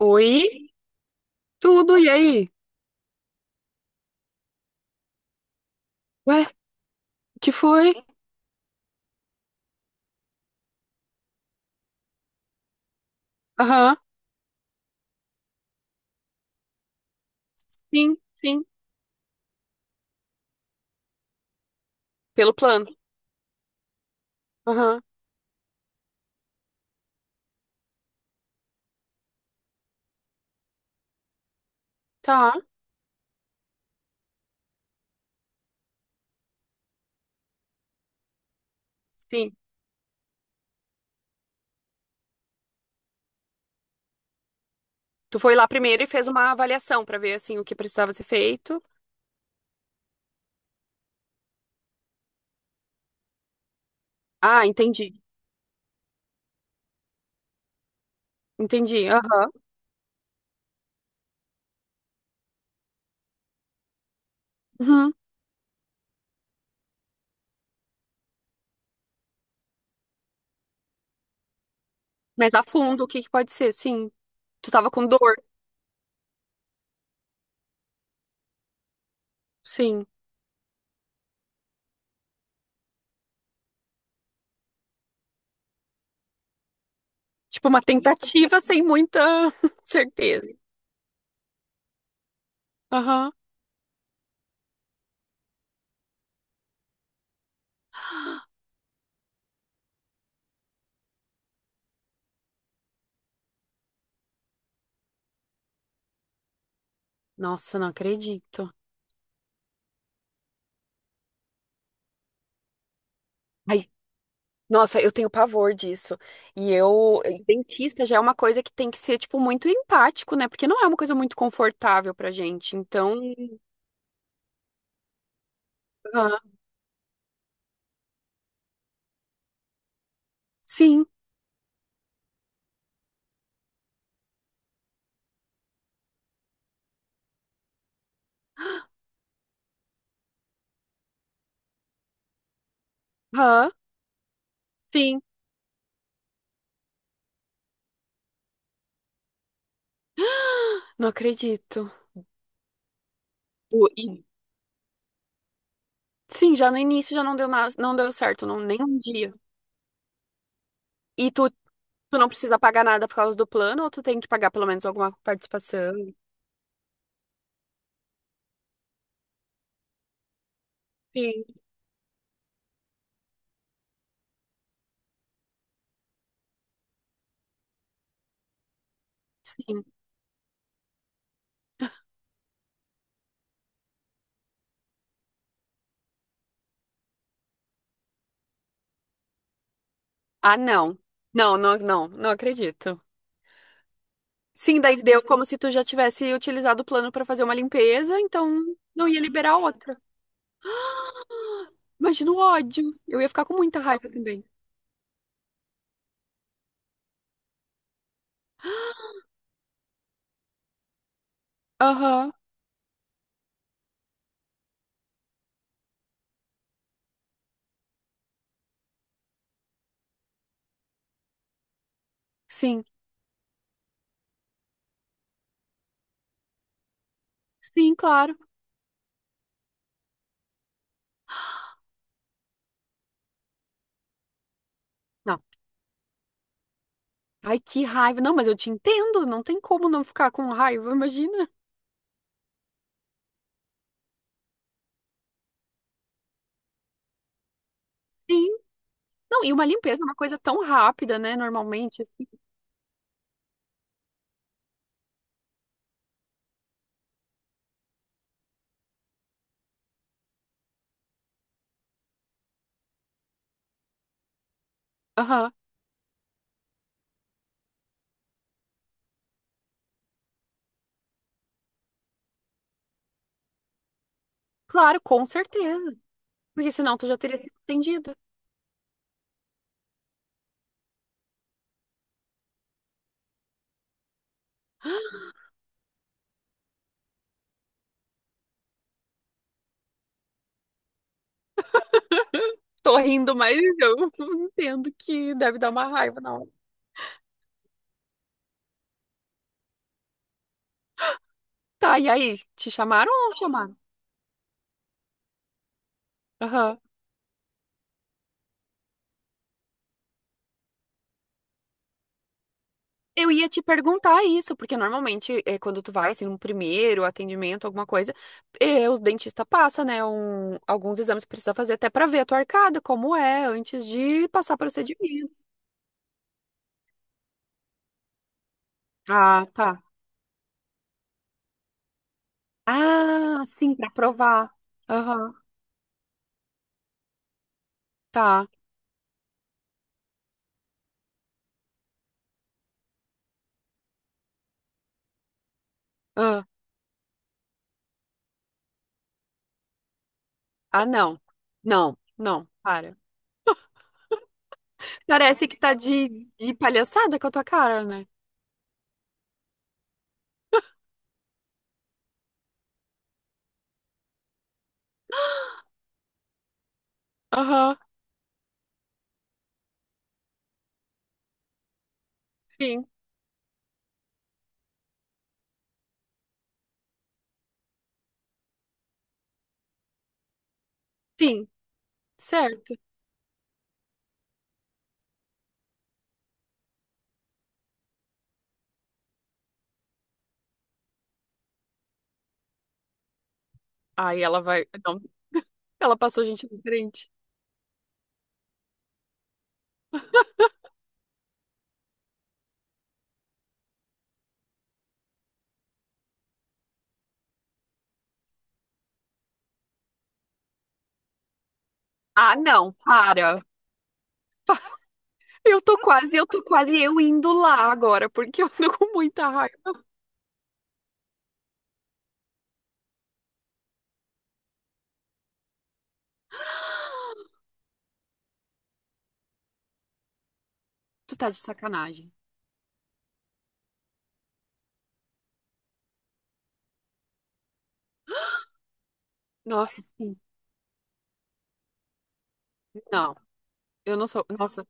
Oi, tudo, e aí? Ué, que foi? Aham. Sim, sim, pelo plano. Aham. Tá, sim. Tu foi lá primeiro e fez uma avaliação pra ver, assim, o que precisava ser feito. Ah, entendi, entendi, aham. Uhum. Mas a fundo, o que que pode ser? Sim, tu tava com dor, sim. Tipo, uma tentativa sem muita certeza. Aham. Nossa, não acredito. Ai, nossa, eu tenho pavor disso. E eu, e dentista já é uma coisa que tem que ser, tipo, muito empático, né? Porque não é uma coisa muito confortável pra gente. Então, ah, sim, ah, sim, não acredito. O- E, sim, já no início já não deu nada, não deu certo, não, nem um dia. E tu, tu não precisa pagar nada por causa do plano, ou tu tem que pagar pelo menos alguma participação? Sim. Sim. Ah, não. Não, não, não, não acredito. Sim, daí deu como se tu já tivesse utilizado o plano pra fazer uma limpeza, então não ia liberar outra. Imagina o ódio. Eu ia ficar com muita raiva também. Aham, sim. Sim, claro. Não. Ai, que raiva. Não, mas eu te entendo. Não tem como não ficar com raiva, imagina. Sim. Não, e uma limpeza é uma coisa tão rápida, né? Normalmente, assim. Aham. Claro, com certeza. Porque senão tu já teria sido atendida. Tô rindo, mas eu entendo que deve dar uma raiva na hora. Tá, e aí? Te chamaram ou não chamaram? Aham. Eu ia te perguntar isso, porque normalmente é, quando tu vai, assim, num primeiro atendimento, alguma coisa, é, o dentista passa, né, alguns exames que precisa fazer até pra ver a tua arcada, como é, antes de passar procedimentos. Ah, tá. Ah, sim, pra provar. Aham, tá. Ah, ah, não. Não, não, para. Parece que tá de palhaçada com a tua cara, né? Aham, sim, sim, certo. Aí ela vai. Não, ela passou gente na frente. Ah, não, para. Eu tô quase, eu tô quase eu indo lá agora, porque eu tô com muita raiva. Tu tá de sacanagem. Nossa, sim. Não, eu não sou. Nossa,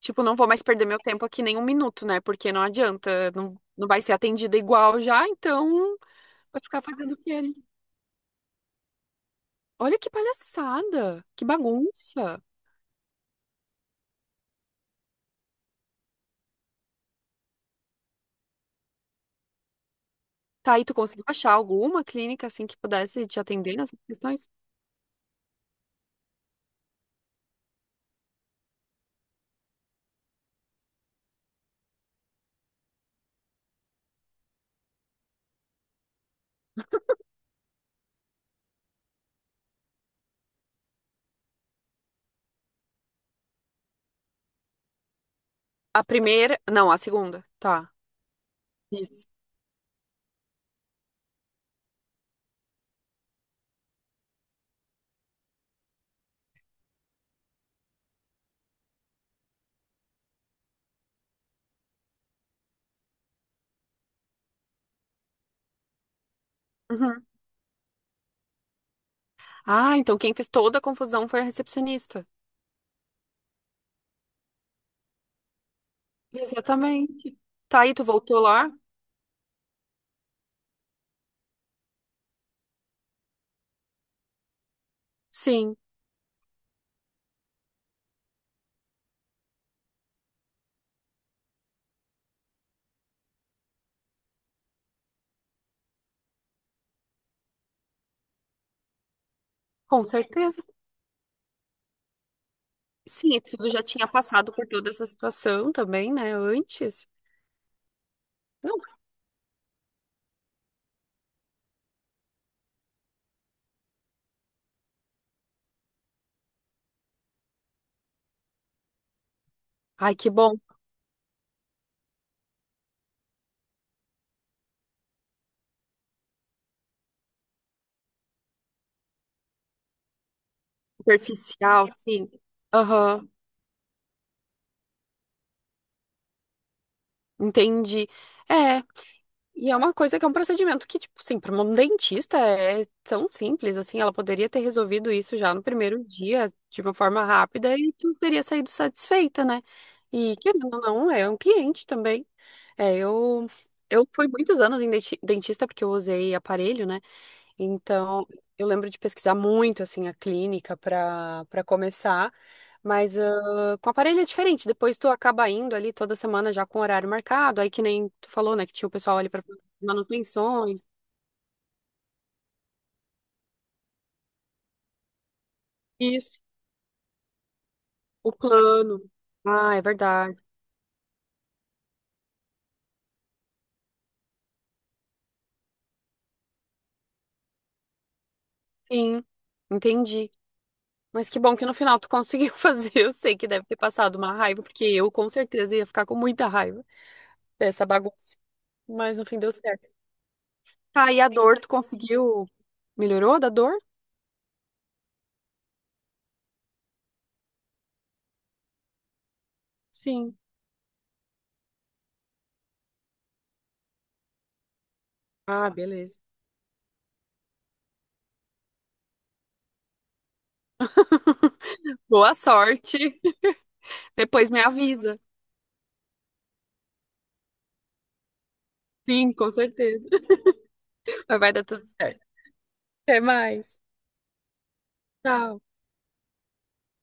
tipo, não vou mais perder meu tempo aqui nem um minuto, né? Porque não adianta, não, não vai ser atendida igual já, então vai ficar fazendo o que ele. Olha que palhaçada, que bagunça. Tá, aí tu conseguiu achar alguma clínica assim que pudesse te atender nessas questões? A primeira, não, a segunda, tá. Isso. Uhum. Ah, então quem fez toda a confusão foi a recepcionista. Exatamente. Tá, e tu voltou lá? Sim, com certeza. Sim, e tu já tinha passado por toda essa situação também, né? Antes. Não. Ai, que bom. Superficial, sim. Aham, entendi. É, e é uma coisa que é um procedimento que, tipo, assim, para um dentista é tão simples, assim, ela poderia ter resolvido isso já no primeiro dia, de uma forma rápida, e tu teria saído satisfeita, né? E, querendo ou não, é um cliente também. É, eu fui muitos anos em dentista porque eu usei aparelho, né? Então, eu lembro de pesquisar muito assim a clínica para começar, mas ah, com aparelho é diferente. Depois tu acaba indo ali toda semana já com horário marcado, aí que nem tu falou, né, que tinha o pessoal ali para manutenções. Isso, o plano. Ah, é verdade. Sim, entendi. Mas que bom que no final tu conseguiu fazer. Eu sei que deve ter passado uma raiva, porque eu com certeza ia ficar com muita raiva dessa bagunça. Mas no fim deu certo. Tá, e a dor, tu conseguiu? Melhorou da dor? Sim. Ah, beleza. Boa sorte. Depois me avisa. Sim, com certeza. Mas vai dar tudo certo. Até mais. Tchau.